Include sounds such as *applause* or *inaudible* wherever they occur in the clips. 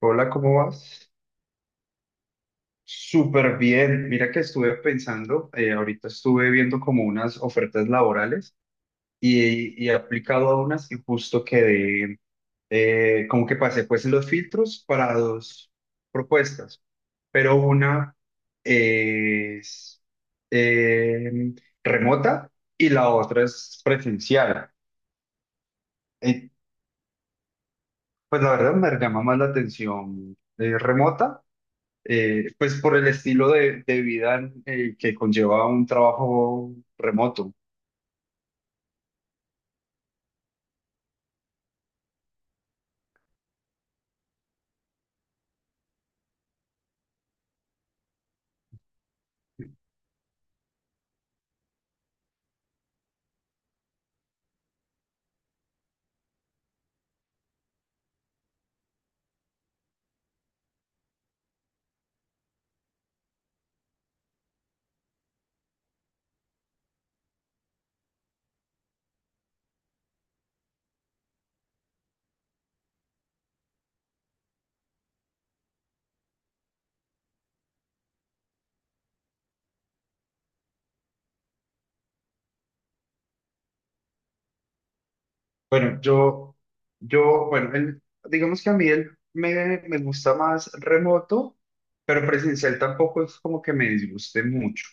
Hola, ¿cómo vas? Súper bien. Mira que estuve pensando, ahorita estuve viendo como unas ofertas laborales y he aplicado a unas y justo quedé, como que pasé pues los filtros para dos propuestas, pero una es eh, remota y la otra es presencial. Eh, pues la verdad me llama más la atención remota, pues por el estilo de vida que conlleva un trabajo remoto. Bueno, bueno, digamos que a mí me gusta más remoto, pero presencial tampoco es como que me disguste mucho,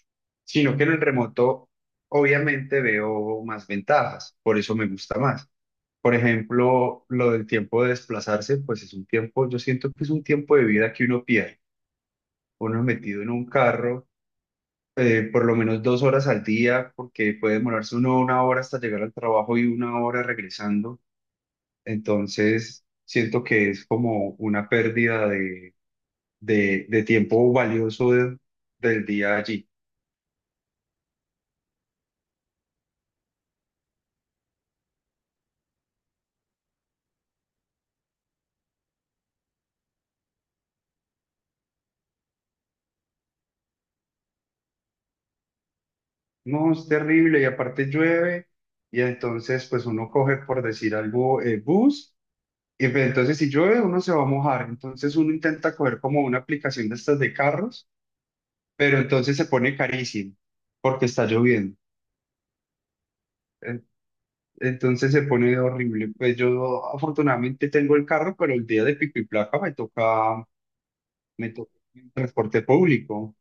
sino que en el remoto obviamente veo más ventajas, por eso me gusta más. Por ejemplo, lo del tiempo de desplazarse, pues es un tiempo, yo siento que es un tiempo de vida que uno pierde. Uno es metido en un carro por lo menos dos horas al día, porque puede demorarse uno una hora hasta llegar al trabajo y una hora regresando. Entonces, siento que es como una pérdida de tiempo valioso del día allí. No, es terrible y aparte llueve y entonces pues uno coge, por decir algo, bus. Y pues, entonces si llueve uno se va a mojar, entonces uno intenta coger como una aplicación de estas de carros, pero entonces se pone carísimo porque está lloviendo. Entonces se pone horrible. Pues yo afortunadamente tengo el carro, pero el día de pico y placa me toca en transporte público.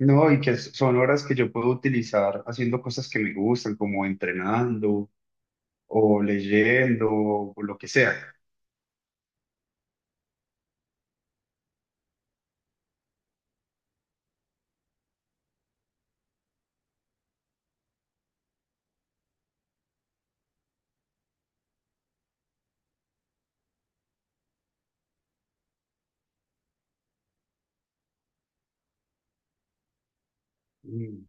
No, y que son horas que yo puedo utilizar haciendo cosas que me gustan, como entrenando o leyendo o lo que sea. Mm.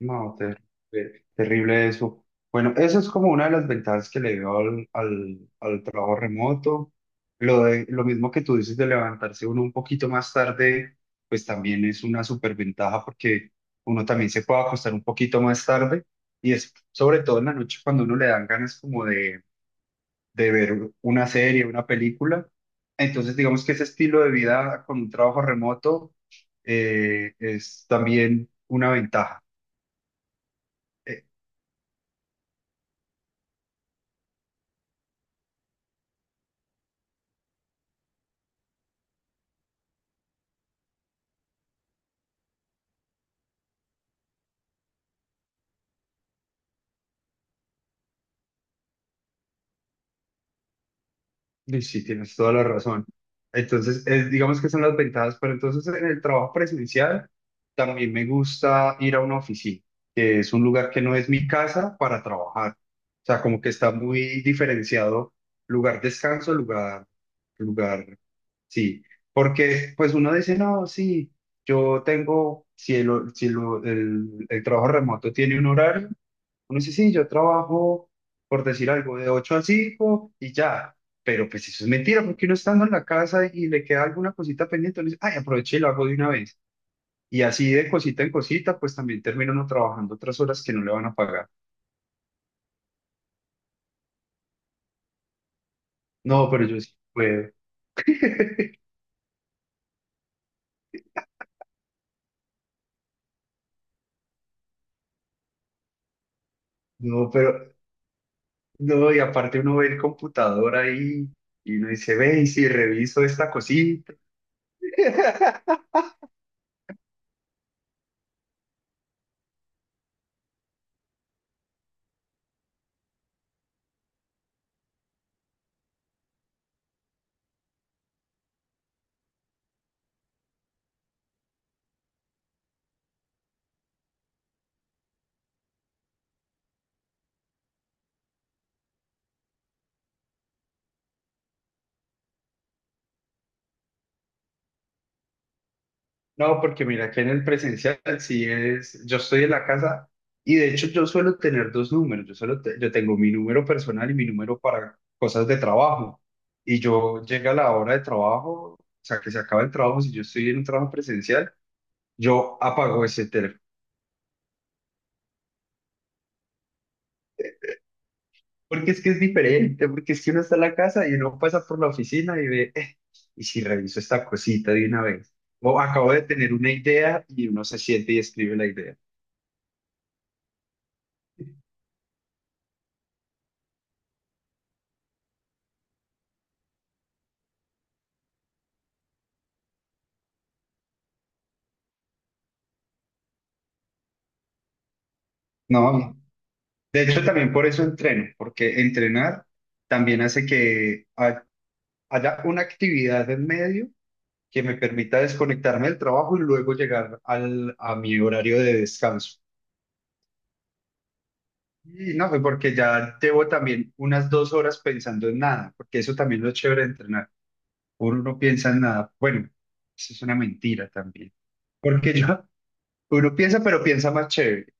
No, terrible, terrible eso. Bueno, eso es como una de las ventajas que le veo al trabajo remoto. Lo mismo que tú dices de levantarse uno un poquito más tarde, pues también es una superventaja porque uno también se puede acostar un poquito más tarde y es sobre todo en la noche cuando uno le dan ganas como de ver una serie, una película. Entonces, digamos que ese estilo de vida con un trabajo remoto es también una ventaja. Eh, Y sí, tienes toda la razón. Entonces, digamos que son las ventajas, pero entonces en el trabajo presencial también me gusta ir a una oficina, que es un lugar que no es mi casa para trabajar. O sea, como que está muy diferenciado lugar descanso, lugar, lugar, sí. Porque pues uno dice, no, sí, yo tengo, si el, si el, el trabajo remoto tiene un horario, uno dice, sí, yo trabajo, por decir algo, de 8 a 5 y ya. Pero pues eso es mentira, porque uno estando en la casa y le queda alguna cosita pendiente, uno dice, ay, aproveché y lo hago de una vez. Y así de cosita en cosita, pues también termina uno trabajando otras horas que no le van a pagar. No, pero yo sí puedo. *laughs* No, pero, no, y aparte uno ve el computador ahí y uno dice, ve, y si reviso esta cosita. *laughs* No, porque mira, que en el presencial sí es, yo estoy en la casa y de hecho yo suelo tener dos números, yo tengo mi número personal y mi número para cosas de trabajo. Y yo llega la hora de trabajo, o sea, que se acaba el trabajo, si yo estoy en un trabajo presencial, yo apago ese teléfono. Porque es que es diferente, porque es que uno está en la casa y uno pasa por la oficina y ve, y si reviso esta cosita de una vez, o acabo de tener una idea y uno se siente y escribe la idea. No. De hecho, también por eso entreno, porque entrenar también hace que haya una actividad en medio que me permita desconectarme del trabajo y luego llegar a mi horario de descanso. Y no, pues porque ya llevo también unas dos horas pensando en nada, porque eso también es lo chévere de entrenar. Uno no piensa en nada. Bueno, eso es una mentira también. Porque yo, Uno piensa, pero piensa más chévere.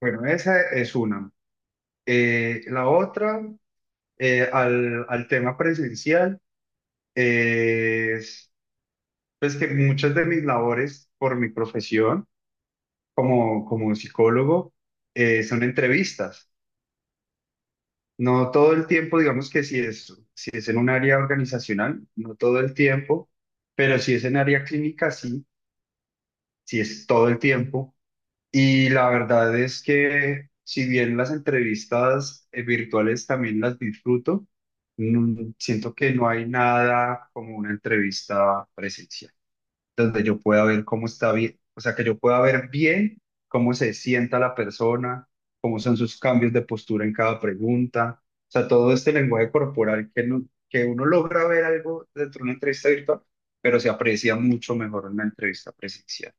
Bueno, esa es una. La otra, al tema presencial es pues que muchas de mis labores por mi profesión como, como psicólogo, son entrevistas. No todo el tiempo, digamos que si es en un área organizacional, no todo el tiempo, pero si es en área clínica, sí, sí es todo el tiempo. Y la verdad es que si bien las entrevistas virtuales también las disfruto, siento que no hay nada como una entrevista presencial, donde yo pueda ver cómo está bien, o sea, que yo pueda ver bien cómo se sienta la persona, cómo son sus cambios de postura en cada pregunta, o sea, todo este lenguaje corporal que, no- que uno logra ver algo dentro de una entrevista virtual, pero se aprecia mucho mejor en una entrevista presencial.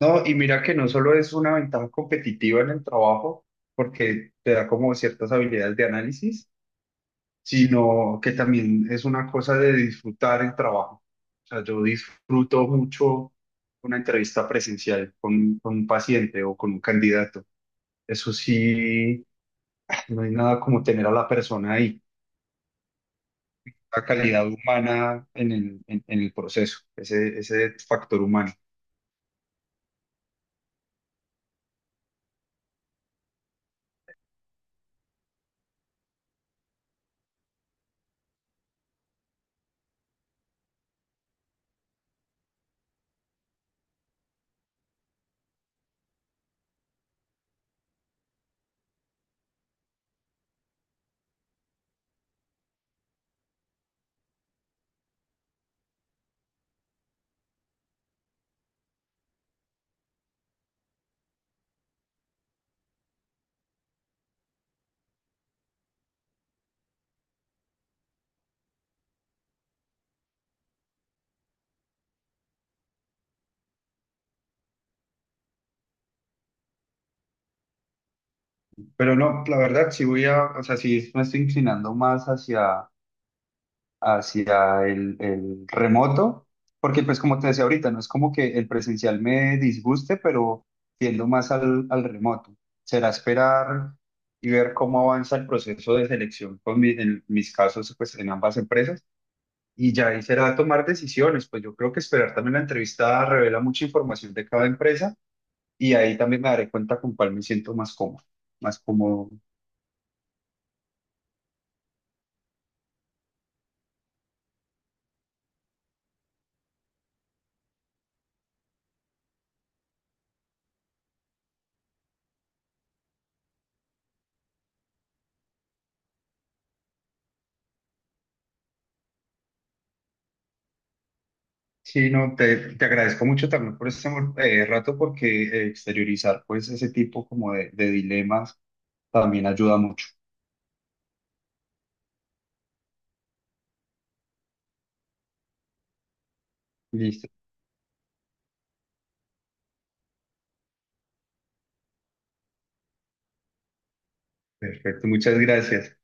No, y mira que no solo es una ventaja competitiva en el trabajo, porque te da como ciertas habilidades de análisis, sino que también es una cosa de disfrutar el trabajo. O sea, yo disfruto mucho una entrevista presencial con un paciente o con un candidato. Eso sí, no hay nada como tener a la persona ahí, la calidad humana en el proceso, ese factor humano. Pero no, la verdad, o sea, sí me estoy inclinando más hacia el remoto, porque pues como te decía ahorita, no es como que el presencial me disguste, pero tiendo más al remoto. Será esperar y ver cómo avanza el proceso de selección con en mis casos pues en ambas empresas y ya ahí será tomar decisiones, pues yo creo que esperar también la entrevista revela mucha información de cada empresa y ahí también me daré cuenta con cuál me siento más cómodo, más cómodo. Sí, no, te agradezco mucho también por este rato porque exteriorizar pues ese tipo como de dilemas también ayuda mucho. Listo, perfecto, muchas gracias.